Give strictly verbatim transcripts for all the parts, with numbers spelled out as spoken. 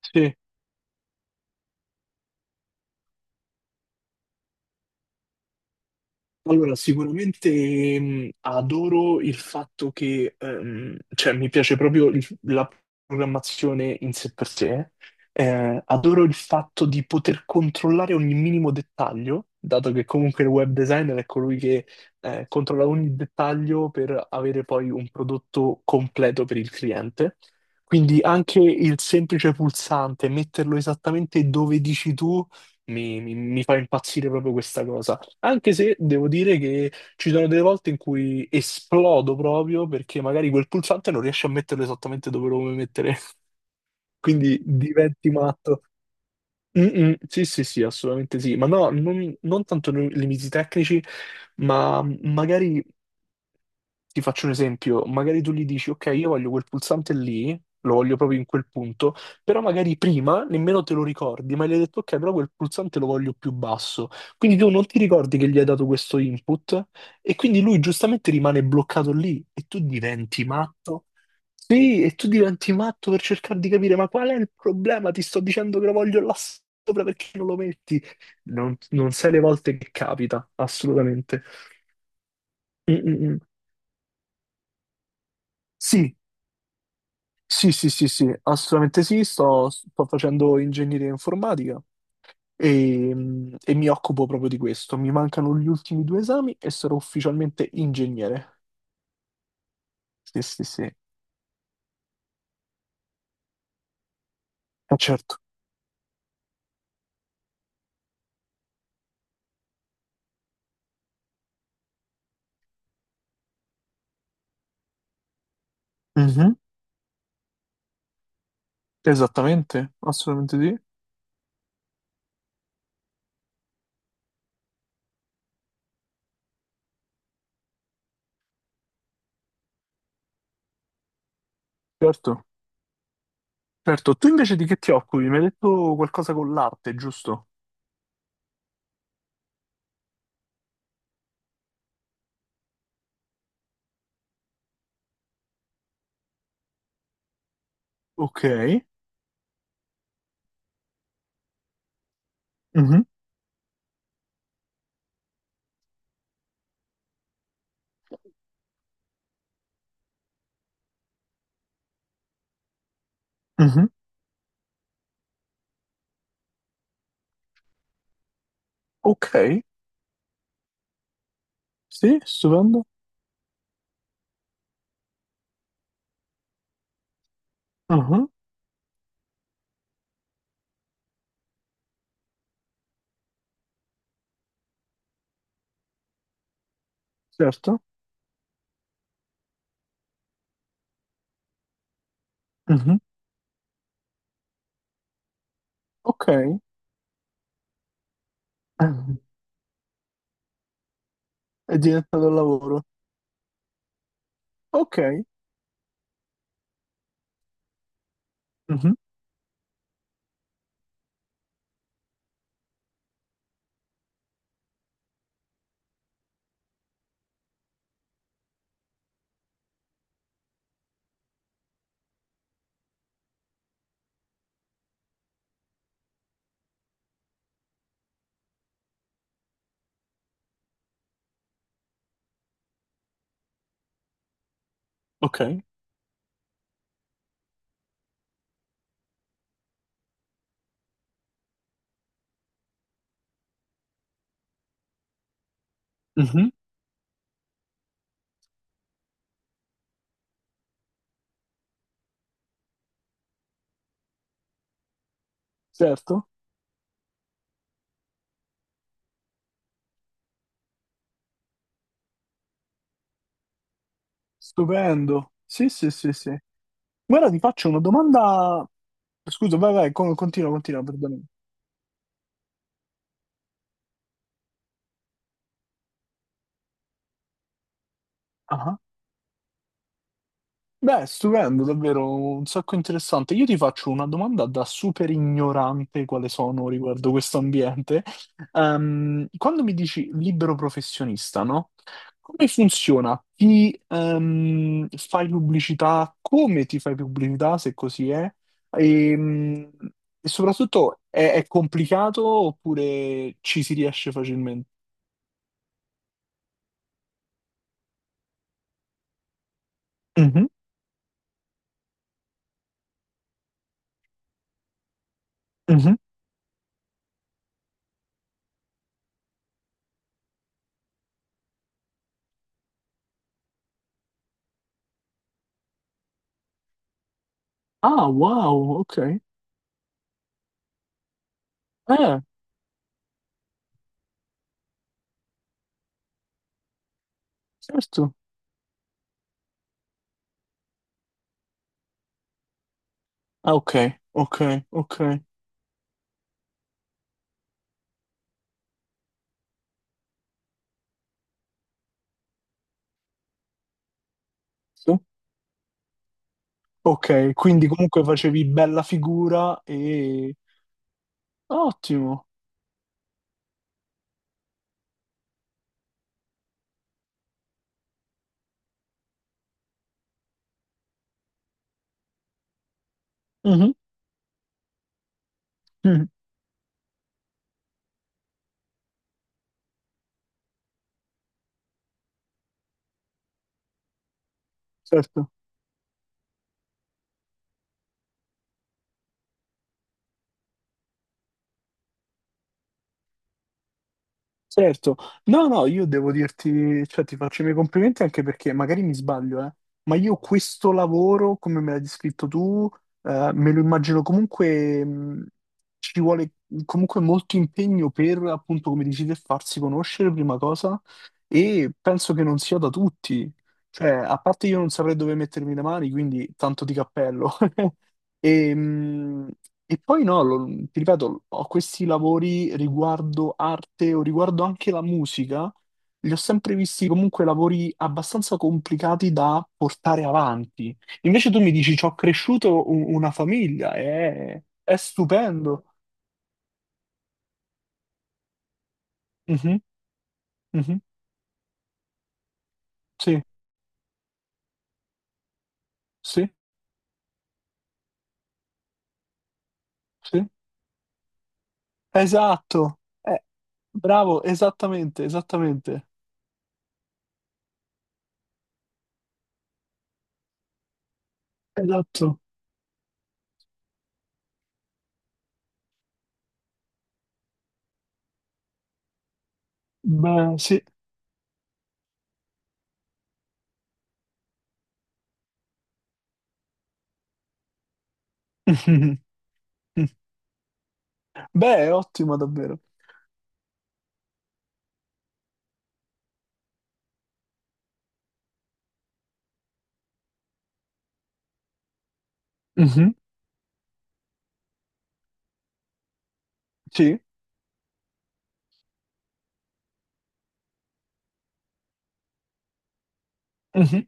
Sì, allora sicuramente mh, adoro il fatto che, ehm, cioè mi piace proprio il- la programmazione in sé per sé. Eh, adoro il fatto di poter controllare ogni minimo dettaglio, dato che comunque il web designer è colui che eh, controlla ogni dettaglio per avere poi un prodotto completo per il cliente. Quindi anche il semplice pulsante, metterlo esattamente dove dici tu, mi mi- mi fa impazzire proprio questa cosa. Anche se devo dire che ci sono delle volte in cui esplodo proprio perché magari quel pulsante non riesce a metterlo esattamente dove lo vuoi mettere, quindi diventi matto. Mm-mm, sì, sì, sì, assolutamente sì, ma no, non, non tanto nei limiti tecnici, ma magari ti faccio un esempio, magari tu gli dici, ok, io voglio quel pulsante lì, lo voglio proprio in quel punto, però magari prima nemmeno te lo ricordi, ma gli hai detto, ok, però quel pulsante lo voglio più basso. Quindi tu non ti ricordi che gli hai dato questo input e quindi lui giustamente rimane bloccato lì e tu diventi matto. Sì, e tu diventi matto per cercare di capire, ma qual è il problema? Ti sto dicendo che lo voglio là sopra, perché non lo metti? Non, non sai le volte che capita, assolutamente. Mm, mm, mm. Sì, sì, sì, sì, sì, assolutamente sì, sto, sto facendo ingegneria informatica e, mh, e mi occupo proprio di questo. Mi mancano gli ultimi due esami e sarò ufficialmente ingegnere. Sì, sì, sì, eh, certo. Mhm. Esattamente, assolutamente sì, certo. Certo, tu invece di che ti occupi? Mi hai detto qualcosa con l'arte, giusto? Ok, mhm, mhm. Ok, sì, stupendo. Mhm, certo, mhm. Ok, è diventato un lavoro. Ok. Mhm. Ok, mhm, certo, stupendo. Sì, sì, sì, sì. Guarda, ti faccio una domanda. Scusa, vai, vai, con- continua, continua, perdonami. Beh, stupendo, davvero un sacco interessante. Io ti faccio una domanda da super ignorante quale sono riguardo questo ambiente. Ehm, quando mi dici libero professionista, no? Come funziona? Ti ehm, fai pubblicità? Come ti fai pubblicità, se così è? Ehm, e soprattutto è, è complicato oppure ci si riesce facilmente? Mhm, mhm. Ah, wow, ok. Eh, certo. Ah, ok, ok, ok. Sì. Ok, quindi comunque facevi bella figura e... Ottimo. Mhm, mhm, certo. Certo, no, no, io devo dirti, cioè ti faccio i miei complimenti anche perché magari mi sbaglio, eh, ma io questo lavoro, come me l'hai descritto tu, eh, me lo immagino comunque, mh, ci vuole comunque molto impegno per, appunto, come dici te, farsi conoscere, prima cosa, e penso che non sia da tutti, cioè, a parte io non saprei dove mettermi le mani, quindi tanto di cappello. E, mh, e poi no, lo- ti ripeto, ho questi lavori riguardo arte o riguardo anche la musica, li ho sempre visti comunque lavori abbastanza complicati da portare avanti. Invece tu mi dici, ci ho cresciuto u- una famiglia, è, è stupendo. Mhm, mhm, sì, sì, sì. Esatto. Eh, bravo, esattamente, esattamente. Esatto. Beh, sì. Beh, è ottimo davvero. Mhm. Sì. Mhm.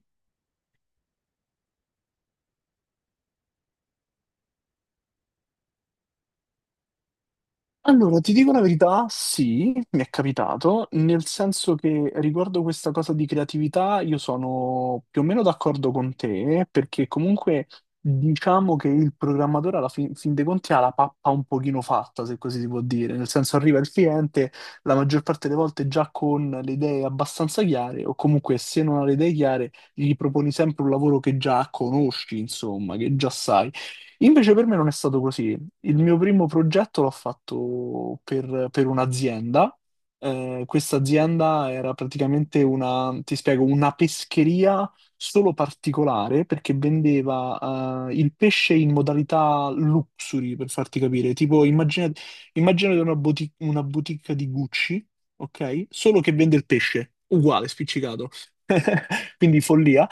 Allora, ti dico la verità, sì, mi è capitato, nel senso che riguardo questa cosa di creatività io sono più o meno d'accordo con te, perché comunque diciamo che il programmatore alla fin, fin dei conti ha la pappa un pochino fatta, se così si può dire, nel senso arriva il cliente la maggior parte delle volte già con le idee abbastanza chiare, o comunque se non ha le idee chiare gli proponi sempre un lavoro che già conosci, insomma, che già sai. Invece per me non è stato così. Il mio primo progetto l'ho fatto per, per un'azienda. Eh, questa azienda era praticamente una, ti spiego, una pescheria solo particolare perché vendeva eh, il pesce in modalità luxury, per farti capire. Tipo, immagina- immaginate una, bouti- una boutique di Gucci, ok? Solo che vende il pesce, uguale, spiccicato. Quindi follia.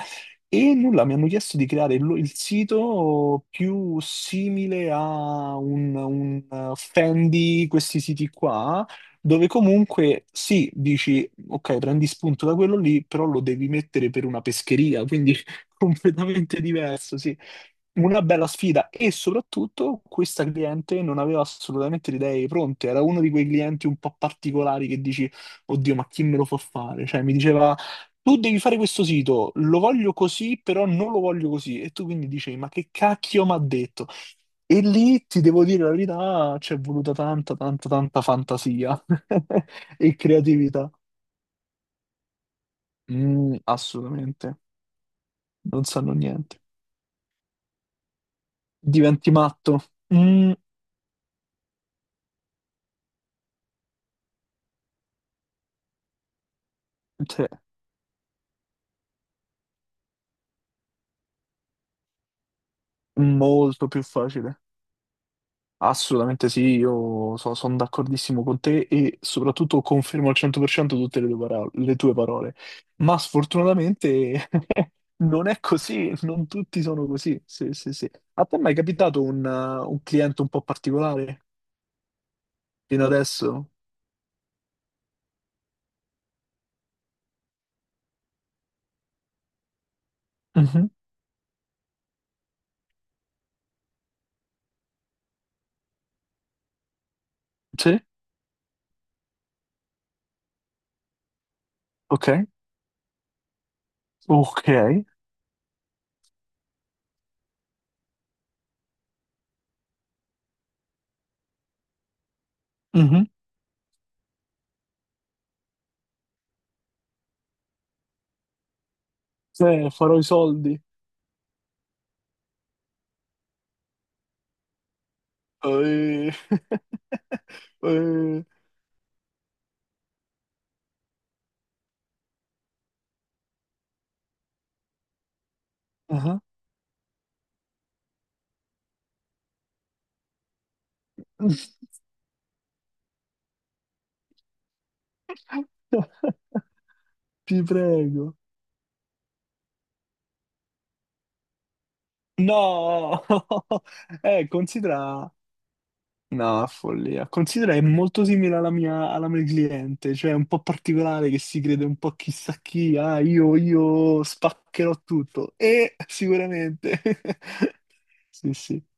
E nulla, mi hanno chiesto di creare il, il sito più simile a un, un eh, Fendi, questi siti qua, dove comunque sì, dici, ok, prendi spunto da quello lì, però lo devi mettere per una pescheria, quindi completamente diverso, sì. Una bella sfida e soprattutto questa cliente non aveva assolutamente le idee pronte, era uno di quei clienti un po' particolari che dici, oddio, ma chi me lo fa fare? Cioè, mi diceva tu devi fare questo sito, lo voglio così, però non lo voglio così. E tu quindi dici, ma che cacchio mi ha detto? E lì ti devo dire la verità, c'è voluta tanta, tanta, tanta fantasia e creatività. Mm, assolutamente, non sanno niente. Diventi matto? Mm, sì, molto più facile. Assolutamente sì, io sono d'accordissimo con te e soprattutto confermo al cento per cento tutte le tue parole, le tue parole. Ma sfortunatamente non è così, non tutti sono così. Sì, sì, sì. A te è mai capitato un, uh, un cliente un po' particolare fino adesso? Mhm. Sì, ok, ok. Mhm. Sì, farò i soldi. Eh, eh, ah. Ti prego. No, eh, considera. No, follia. Considera è molto simile alla mia, alla mia cliente, cioè è un po' particolare che si crede un po' chissà chi, ah, io, io spaccherò tutto. E sicuramente. Sì, sì.